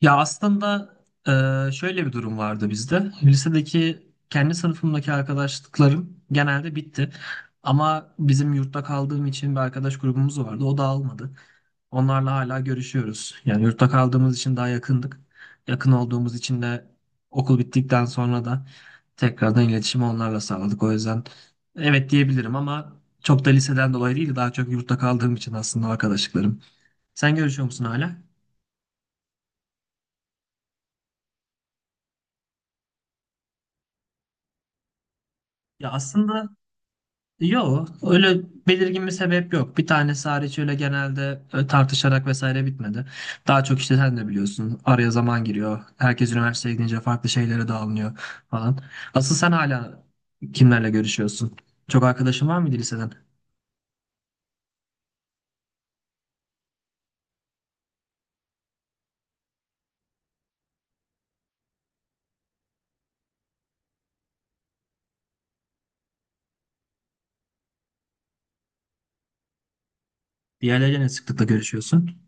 Ya aslında şöyle bir durum vardı bizde. Lisedeki kendi sınıfımdaki arkadaşlıklarım genelde bitti. Ama bizim yurtta kaldığım için bir arkadaş grubumuz vardı. O dağılmadı. Onlarla hala görüşüyoruz. Yani yurtta kaldığımız için daha yakındık. Yakın olduğumuz için de okul bittikten sonra da tekrardan iletişimi onlarla sağladık. O yüzden evet diyebilirim ama çok da liseden dolayı değil, daha çok yurtta kaldığım için aslında arkadaşlıklarım. Sen görüşüyor musun hala? Ya aslında yok, öyle belirgin bir sebep yok. Bir tanesi hariç öyle genelde tartışarak vesaire bitmedi. Daha çok işte sen de biliyorsun. Araya zaman giriyor. Herkes üniversiteye gidince farklı şeylere dağılıyor falan. Asıl sen hala kimlerle görüşüyorsun? Çok arkadaşın var mıydı liseden? Diğerleriyle ne sıklıkla görüşüyorsun?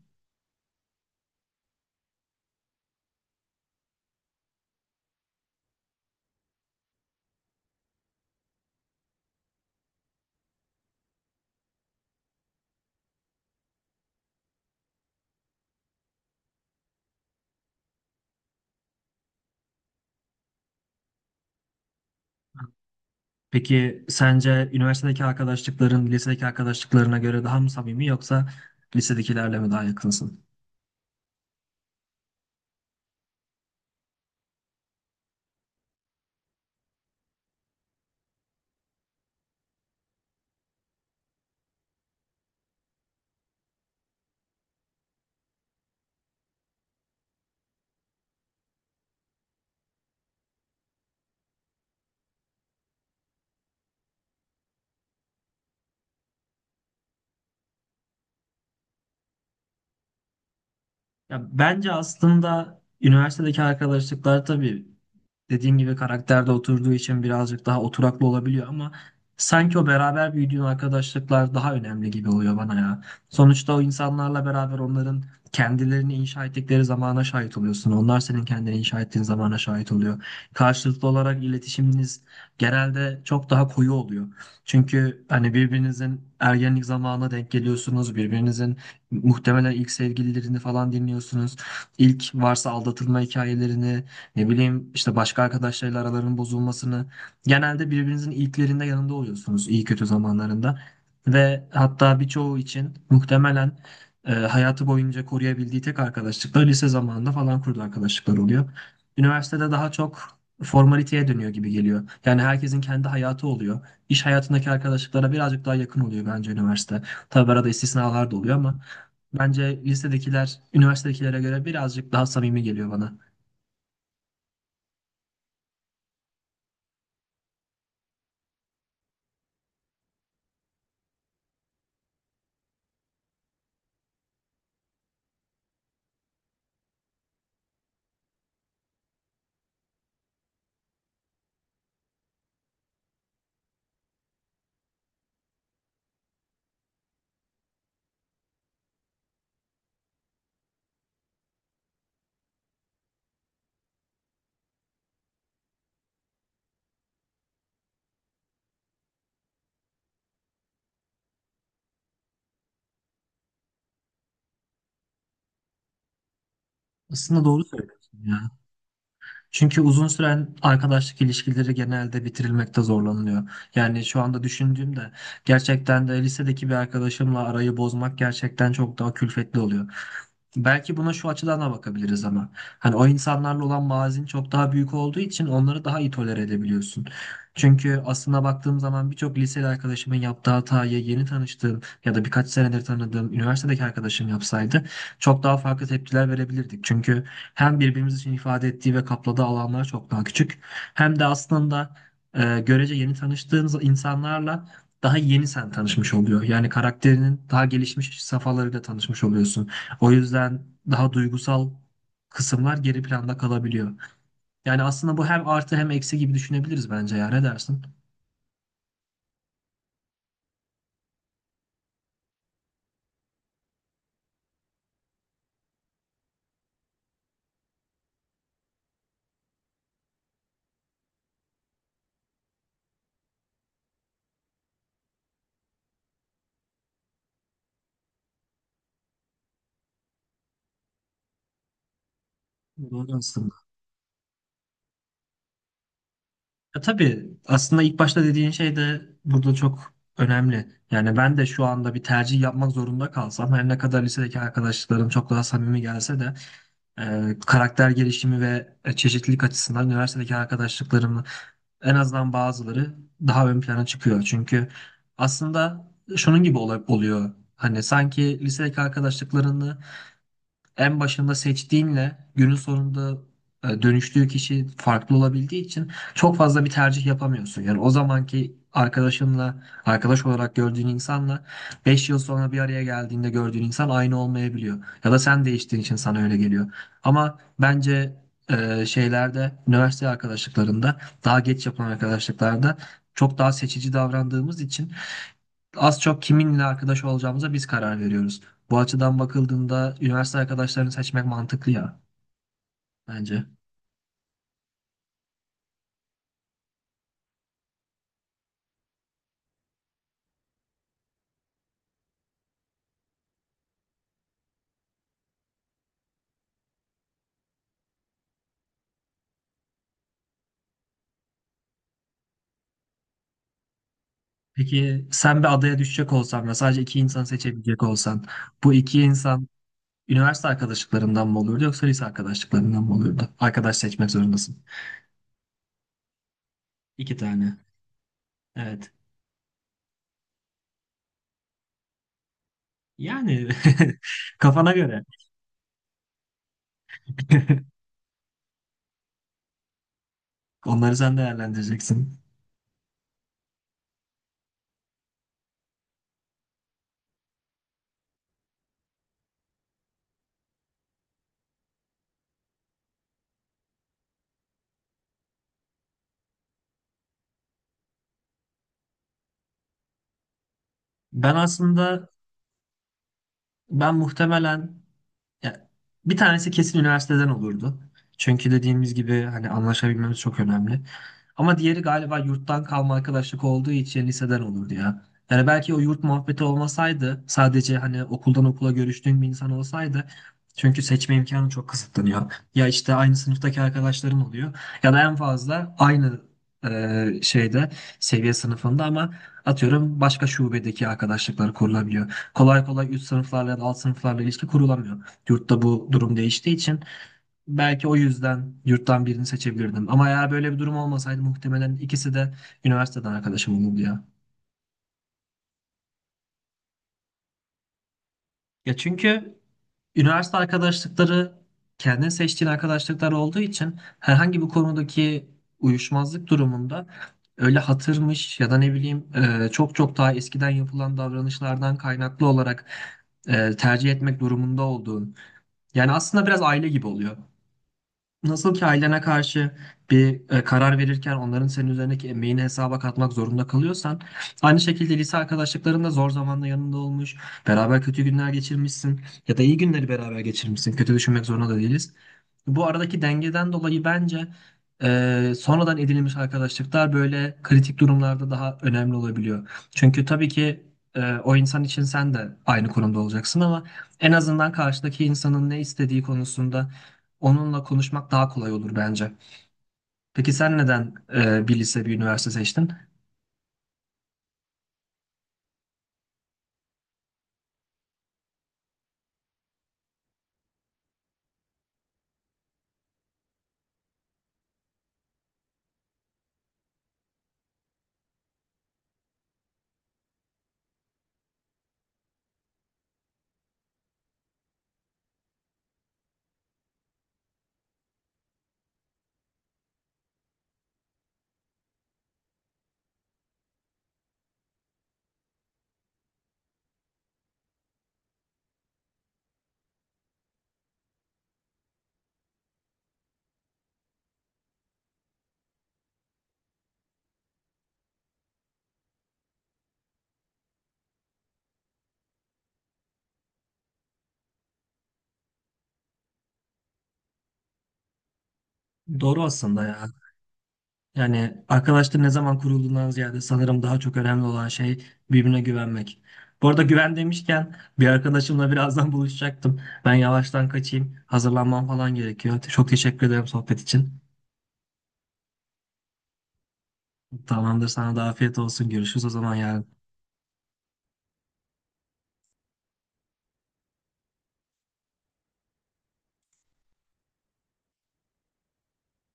Peki sence üniversitedeki arkadaşlıkların lisedeki arkadaşlıklarına göre daha mı samimi yoksa lisedekilerle mi daha yakınsın? Ya bence aslında üniversitedeki arkadaşlıklar tabii dediğim gibi karakterde oturduğu için birazcık daha oturaklı olabiliyor ama sanki o beraber büyüdüğün arkadaşlıklar daha önemli gibi oluyor bana ya. Sonuçta o insanlarla beraber onların kendilerini inşa ettikleri zamana şahit oluyorsun. Onlar senin kendini inşa ettiğin zamana şahit oluyor. Karşılıklı olarak iletişiminiz genelde çok daha koyu oluyor. Çünkü hani birbirinizin ergenlik zamanına denk geliyorsunuz, birbirinizin muhtemelen ilk sevgililerini falan dinliyorsunuz. İlk varsa aldatılma hikayelerini, ne bileyim işte başka arkadaşlarıyla aralarının bozulmasını. Genelde birbirinizin ilklerinde yanında oluyorsunuz iyi kötü zamanlarında. Ve hatta birçoğu için muhtemelen hayatı boyunca koruyabildiği tek arkadaşlıklar lise zamanında falan kurduğu arkadaşlıklar oluyor. Üniversitede daha çok formaliteye dönüyor gibi geliyor. Yani herkesin kendi hayatı oluyor. İş hayatındaki arkadaşlıklara birazcık daha yakın oluyor bence üniversite. Tabii arada istisnalar da oluyor ama bence lisedekiler üniversitedekilere göre birazcık daha samimi geliyor bana. Aslında doğru söylüyorsun ya. Çünkü uzun süren arkadaşlık ilişkileri genelde bitirilmekte zorlanılıyor. Yani şu anda düşündüğümde gerçekten de lisedeki bir arkadaşımla arayı bozmak gerçekten çok daha külfetli oluyor. Belki buna şu açıdan da bakabiliriz ama. Hani o insanlarla olan bağın çok daha büyük olduğu için onları daha iyi tolere edebiliyorsun. Çünkü aslına baktığım zaman birçok liseli arkadaşımın yaptığı hatayı yeni tanıştığım ya da birkaç senedir tanıdığım üniversitedeki arkadaşım yapsaydı çok daha farklı tepkiler verebilirdik. Çünkü hem birbirimiz için ifade ettiği ve kapladığı alanlar çok daha küçük hem de aslında görece yeni tanıştığınız insanlarla daha yeni sen tanışmış oluyor. Yani karakterinin daha gelişmiş safhalarıyla tanışmış oluyorsun. O yüzden daha duygusal kısımlar geri planda kalabiliyor. Yani aslında bu hem artı hem eksi gibi düşünebiliriz bence ya. Ne dersin? Doğru aslında. Ya tabii aslında ilk başta dediğin şey de burada çok önemli. Yani ben de şu anda bir tercih yapmak zorunda kalsam her ne kadar lisedeki arkadaşlarım çok daha samimi gelse de karakter gelişimi ve çeşitlilik açısından üniversitedeki arkadaşlıklarımı en azından bazıları daha ön plana çıkıyor. Çünkü aslında şunun gibi oluyor. Hani sanki lisedeki arkadaşlıklarını en başında seçtiğinle günün sonunda dönüştüğü kişi farklı olabildiği için çok fazla bir tercih yapamıyorsun. Yani o zamanki arkadaşınla, arkadaş olarak gördüğün insanla 5 yıl sonra bir araya geldiğinde gördüğün insan aynı olmayabiliyor. Ya da sen değiştiğin için sana öyle geliyor. Ama bence şeylerde, üniversite arkadaşlıklarında, daha geç yapılan arkadaşlıklarda çok daha seçici davrandığımız için az çok kiminle arkadaş olacağımıza biz karar veriyoruz. Bu açıdan bakıldığında üniversite arkadaşlarını seçmek mantıklı ya bence. Peki sen bir adaya düşecek olsan ve sadece iki insan seçebilecek olsan bu iki insan üniversite arkadaşlıklarından mı olurdu yoksa lise arkadaşlıklarından mı olurdu? Arkadaş seçmek zorundasın. İki tane. Evet. Yani kafana göre. Onları sen değerlendireceksin. Ben aslında ben muhtemelen, ya, bir tanesi kesin üniversiteden olurdu. Çünkü dediğimiz gibi hani anlaşabilmemiz çok önemli. Ama diğeri galiba yurttan kalma arkadaşlık olduğu için liseden olurdu ya. Yani belki o yurt muhabbeti olmasaydı sadece hani okuldan okula görüştüğün bir insan olsaydı çünkü seçme imkanı çok kısıtlanıyor. Ya işte aynı sınıftaki arkadaşların oluyor ya da en fazla aynı şeyde seviye sınıfında ama atıyorum başka şubedeki arkadaşlıklar kurulabiliyor. Kolay kolay üst sınıflarla ya da alt sınıflarla ilişki kurulamıyor. Yurtta bu durum değiştiği için belki o yüzden yurttan birini seçebilirdim. Ama eğer böyle bir durum olmasaydı muhtemelen ikisi de üniversiteden arkadaşım olurdu ya. Ya çünkü üniversite arkadaşlıkları kendin seçtiğin arkadaşlıklar olduğu için herhangi bir konudaki uyuşmazlık durumunda öyle hatırmış ya da ne bileyim çok çok daha eskiden yapılan davranışlardan kaynaklı olarak tercih etmek durumunda olduğun. Yani aslında biraz aile gibi oluyor. Nasıl ki ailene karşı bir karar verirken onların senin üzerindeki emeğini hesaba katmak zorunda kalıyorsan, aynı şekilde lise arkadaşlıkların da zor zamanda yanında olmuş, beraber kötü günler geçirmişsin ya da iyi günleri beraber geçirmişsin. Kötü düşünmek zorunda da değiliz. Bu aradaki dengeden dolayı bence sonradan edinilmiş arkadaşlıklar böyle kritik durumlarda daha önemli olabiliyor. Çünkü tabii ki o insan için sen de aynı konumda olacaksın ama en azından karşıdaki insanın ne istediği konusunda onunla konuşmak daha kolay olur bence. Peki sen neden bir lise bir üniversite seçtin? Doğru aslında ya. Yani arkadaşların ne zaman kurulduğundan ziyade sanırım daha çok önemli olan şey birbirine güvenmek. Bu arada güven demişken bir arkadaşımla birazdan buluşacaktım. Ben yavaştan kaçayım. Hazırlanmam falan gerekiyor. Çok teşekkür ederim sohbet için. Tamamdır, sana da afiyet olsun. Görüşürüz o zaman yarın.